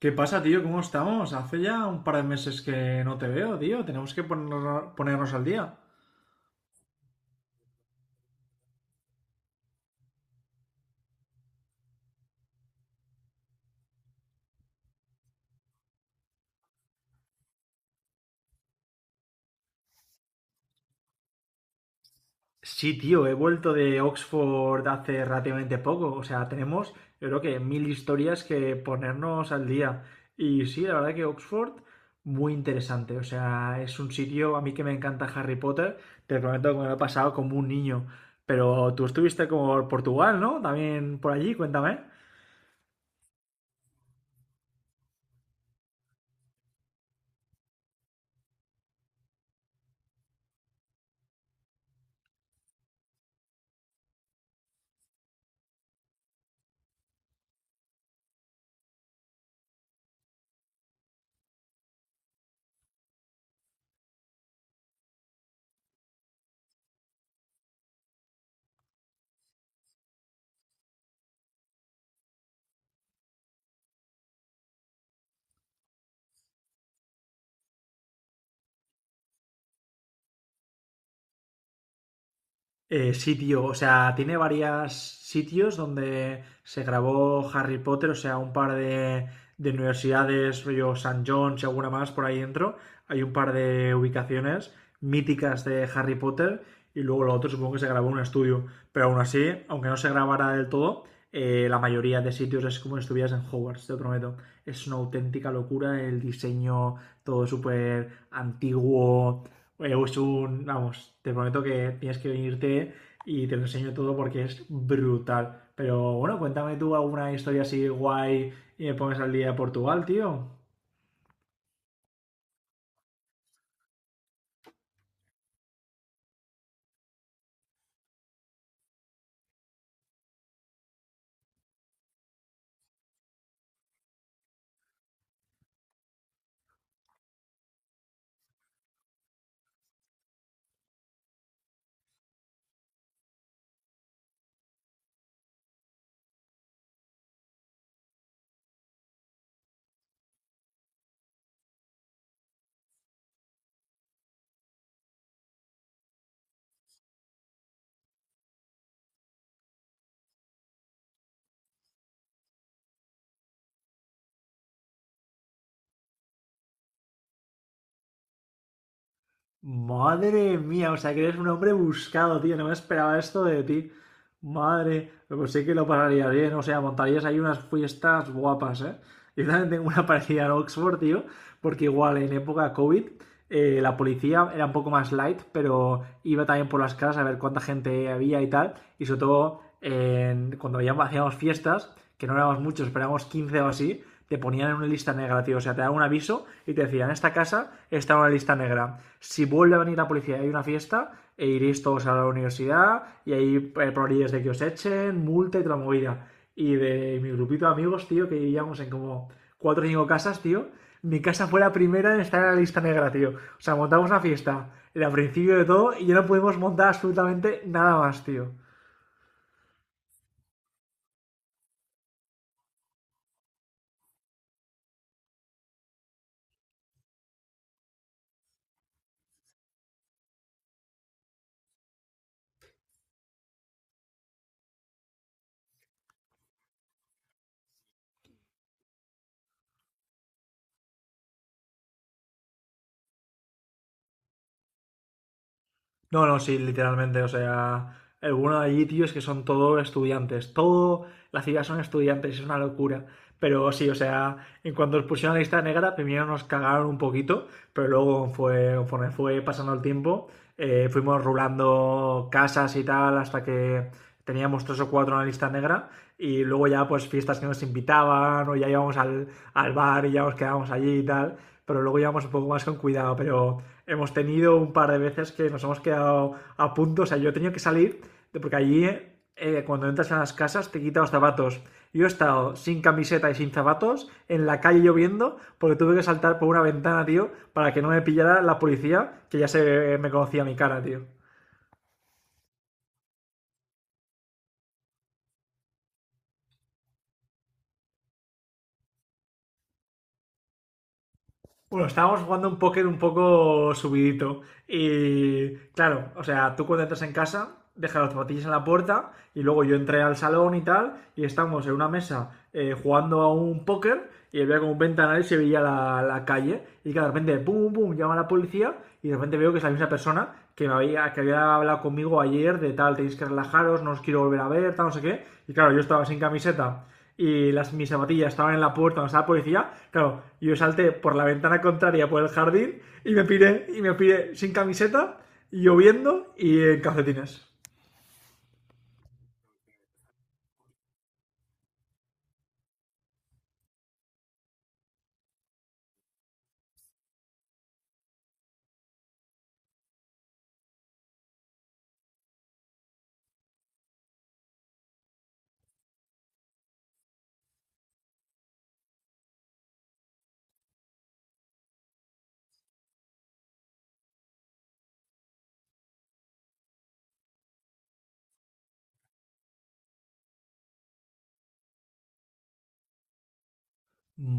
¿Qué pasa, tío? ¿Cómo estamos? Hace ya un par de meses que no te veo, tío. Tenemos que ponernos al día. Sí, tío, he vuelto de Oxford hace relativamente poco. O sea, yo creo que mil historias que ponernos al día. Y sí, la verdad que Oxford, muy interesante. O sea, es un sitio, a mí que me encanta Harry Potter, te prometo que me lo he pasado como un niño. Pero tú estuviste como por Portugal, ¿no? También por allí, cuéntame. Sí, tío, o sea, tiene varios sitios donde se grabó Harry Potter, o sea, un par de universidades, rollo St. John's y alguna más por ahí dentro. Hay un par de ubicaciones míticas de Harry Potter y luego lo otro supongo que se grabó en un estudio. Pero aún así, aunque no se grabara del todo, la mayoría de sitios es como si estuvieras en Hogwarts, te lo prometo. Es una auténtica locura el diseño, todo súper antiguo, es un, vamos, te prometo que tienes que venirte y te lo enseño todo porque es brutal. Pero bueno, cuéntame tú alguna historia así guay y me pones al día de Portugal, tío. Madre mía, o sea que eres un hombre buscado, tío. No me esperaba esto de ti. Madre, pues sí que lo pasarías bien, o sea, montarías ahí unas fiestas guapas, ¿eh? Yo también tengo una parecida en Oxford, tío, porque igual en época COVID la policía era un poco más light, pero iba también por las casas a ver cuánta gente había y tal. Y sobre todo, cuando hacíamos fiestas, que no éramos muchos, pero éramos 15 o así, te ponían en una lista negra, tío. O sea, te daban un aviso y te decían, en esta casa está en una lista negra. Si vuelve a venir la policía y hay una fiesta, e iréis todos a la universidad y hay probabilidades de que os echen, multa y toda la movida. Y de mi grupito de amigos, tío, que vivíamos en como cuatro o cinco casas, tío, mi casa fue la primera en estar en la lista negra, tío. O sea, montamos una fiesta, era principio de todo, y ya no pudimos montar absolutamente nada más, tío. No, no, sí, literalmente, o sea, el bueno de allí, tío, es que son todos estudiantes. Todo la ciudad son estudiantes, es una locura. Pero sí, o sea, en cuanto nos pusieron la lista negra, primero nos cagaron un poquito, pero luego fue, conforme fue pasando el tiempo, fuimos rulando casas y tal hasta que teníamos tres o cuatro en la lista negra y luego ya pues fiestas que nos invitaban o ya íbamos al bar y ya nos quedábamos allí y tal, pero luego íbamos un poco más con cuidado, pero hemos tenido un par de veces que nos hemos quedado a punto, o sea, yo he tenido que salir porque allí cuando entras a las casas te quitan los zapatos. Yo he estado sin camiseta y sin zapatos en la calle lloviendo porque tuve que saltar por una ventana, tío, para que no me pillara la policía que ya se me conocía mi cara, tío. Bueno, estábamos jugando un póker un poco subidito. Y claro, o sea, tú cuando entras en casa, dejas las zapatillas en la puerta y luego yo entré al salón y tal, y estamos en una mesa jugando a un póker y había como un ventanal y se veía la calle. Y que de repente, pum, pum, llama la policía y de repente veo que es la misma persona que había hablado conmigo ayer de tal, tenéis que relajaros, no os quiero volver a ver, tal, no sé qué. Y claro, yo estaba sin camiseta y mis zapatillas estaban en la puerta donde estaba la policía, claro, yo salté por la ventana contraria por el jardín y me piré sin camiseta, lloviendo y en calcetines.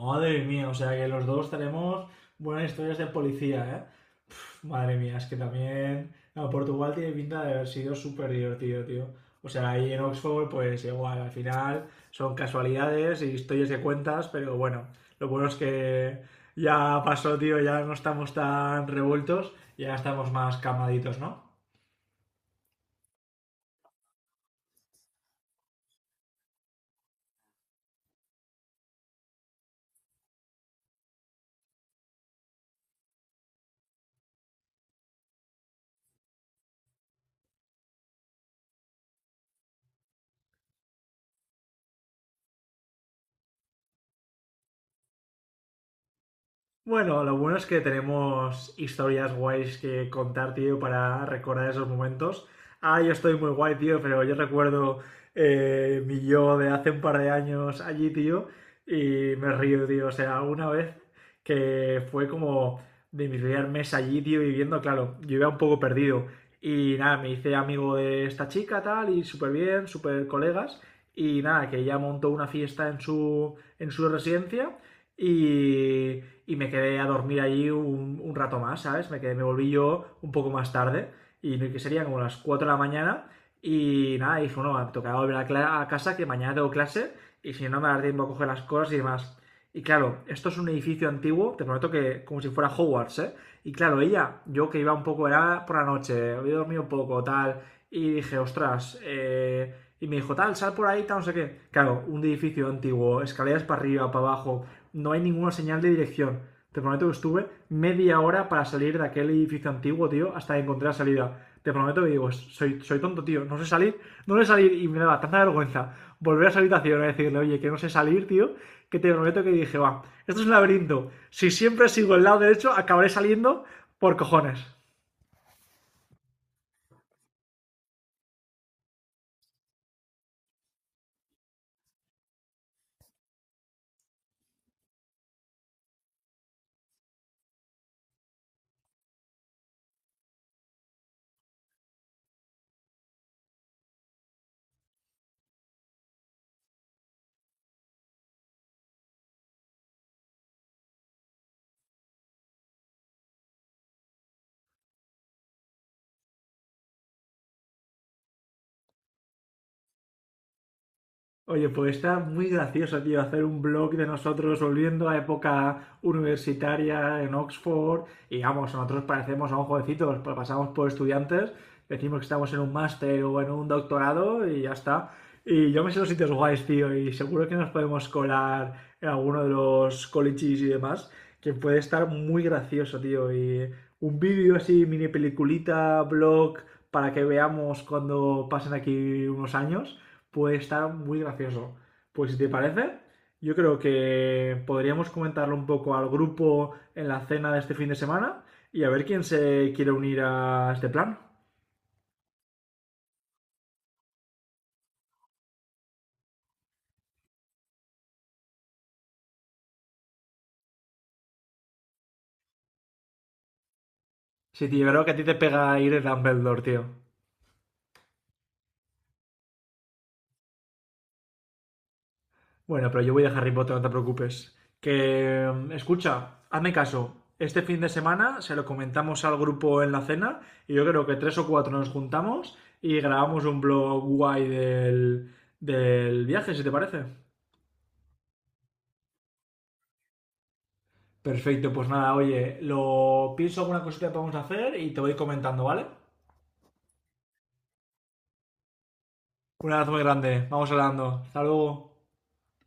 Madre mía, o sea que los dos tenemos buenas historias de policía, ¿eh? Pf, madre mía, es que también no, Portugal tiene pinta de haber sido súper divertido, tío. O sea, ahí en Oxford, pues igual, al final son casualidades y historias de cuentas, pero bueno, lo bueno es que ya pasó, tío, ya no estamos tan revueltos, ya estamos más calmaditos, ¿no? Bueno, lo bueno es que tenemos historias guays que contar, tío, para recordar esos momentos. Ah, yo estoy muy guay, tío, pero yo recuerdo mi yo de hace un par de años allí, tío, y me río, tío. O sea, una vez que fue como de mi primer mes allí, tío, viviendo, claro, yo iba un poco perdido. Y nada, me hice amigo de esta chica, tal, y súper bien, súper colegas. Y nada, que ella montó una fiesta en en su residencia. Y y me quedé a dormir allí un rato más, ¿sabes? Me volví yo un poco más tarde y no, que sería como las 4 de la mañana y nada, dije, no, me tocará volver a casa que mañana tengo clase y si no me dará tiempo a coger las cosas y demás. Y claro, esto es un edificio antiguo, te prometo que como si fuera Hogwarts, ¿eh? Y claro, ella, yo que iba un poco, era por la noche, había dormido un poco, tal, y dije, ostras. Y me dijo, tal, sal por ahí, tal, no sé qué. Claro, un edificio antiguo, escaleras para arriba, para abajo, no hay ninguna señal de dirección. Te prometo que estuve media hora para salir de aquel edificio antiguo, tío, hasta que encontré la salida. Te prometo que digo, soy tonto, tío, no sé salir, no sé salir y me daba tanta vergüenza volver a esa habitación y decirle, oye, que no sé salir, tío, que te prometo que dije, va, esto es un laberinto, si siempre sigo el lado derecho acabaré saliendo por cojones. Oye, pues está muy gracioso, tío, hacer un blog de nosotros volviendo a época universitaria en Oxford. Y vamos, nosotros parecemos a un jovencitos, pues, pasamos por estudiantes, decimos que estamos en un máster o en un doctorado y ya está. Y yo me sé los sitios guays, tío, y seguro que nos podemos colar en alguno de los colleges y demás, que puede estar muy gracioso, tío. Y un vídeo así, mini peliculita, blog, para que veamos cuando pasen aquí unos años pues está muy gracioso. Pues si te parece, yo creo que podríamos comentarlo un poco al grupo en la cena de este fin de semana y a ver quién se quiere unir a este plan. Sí, tío, creo que a ti te pega ir de Dumbledore, tío. Bueno, pero yo voy a Harry Potter, no te preocupes. Que, escucha, hazme caso. Este fin de semana se lo comentamos al grupo en la cena y yo creo que tres o cuatro nos juntamos y grabamos un blog guay del viaje, si te parece. Perfecto, pues nada, oye, lo pienso alguna cosita que podemos hacer y te voy comentando, ¿vale? Un abrazo muy grande, vamos hablando. Hasta luego.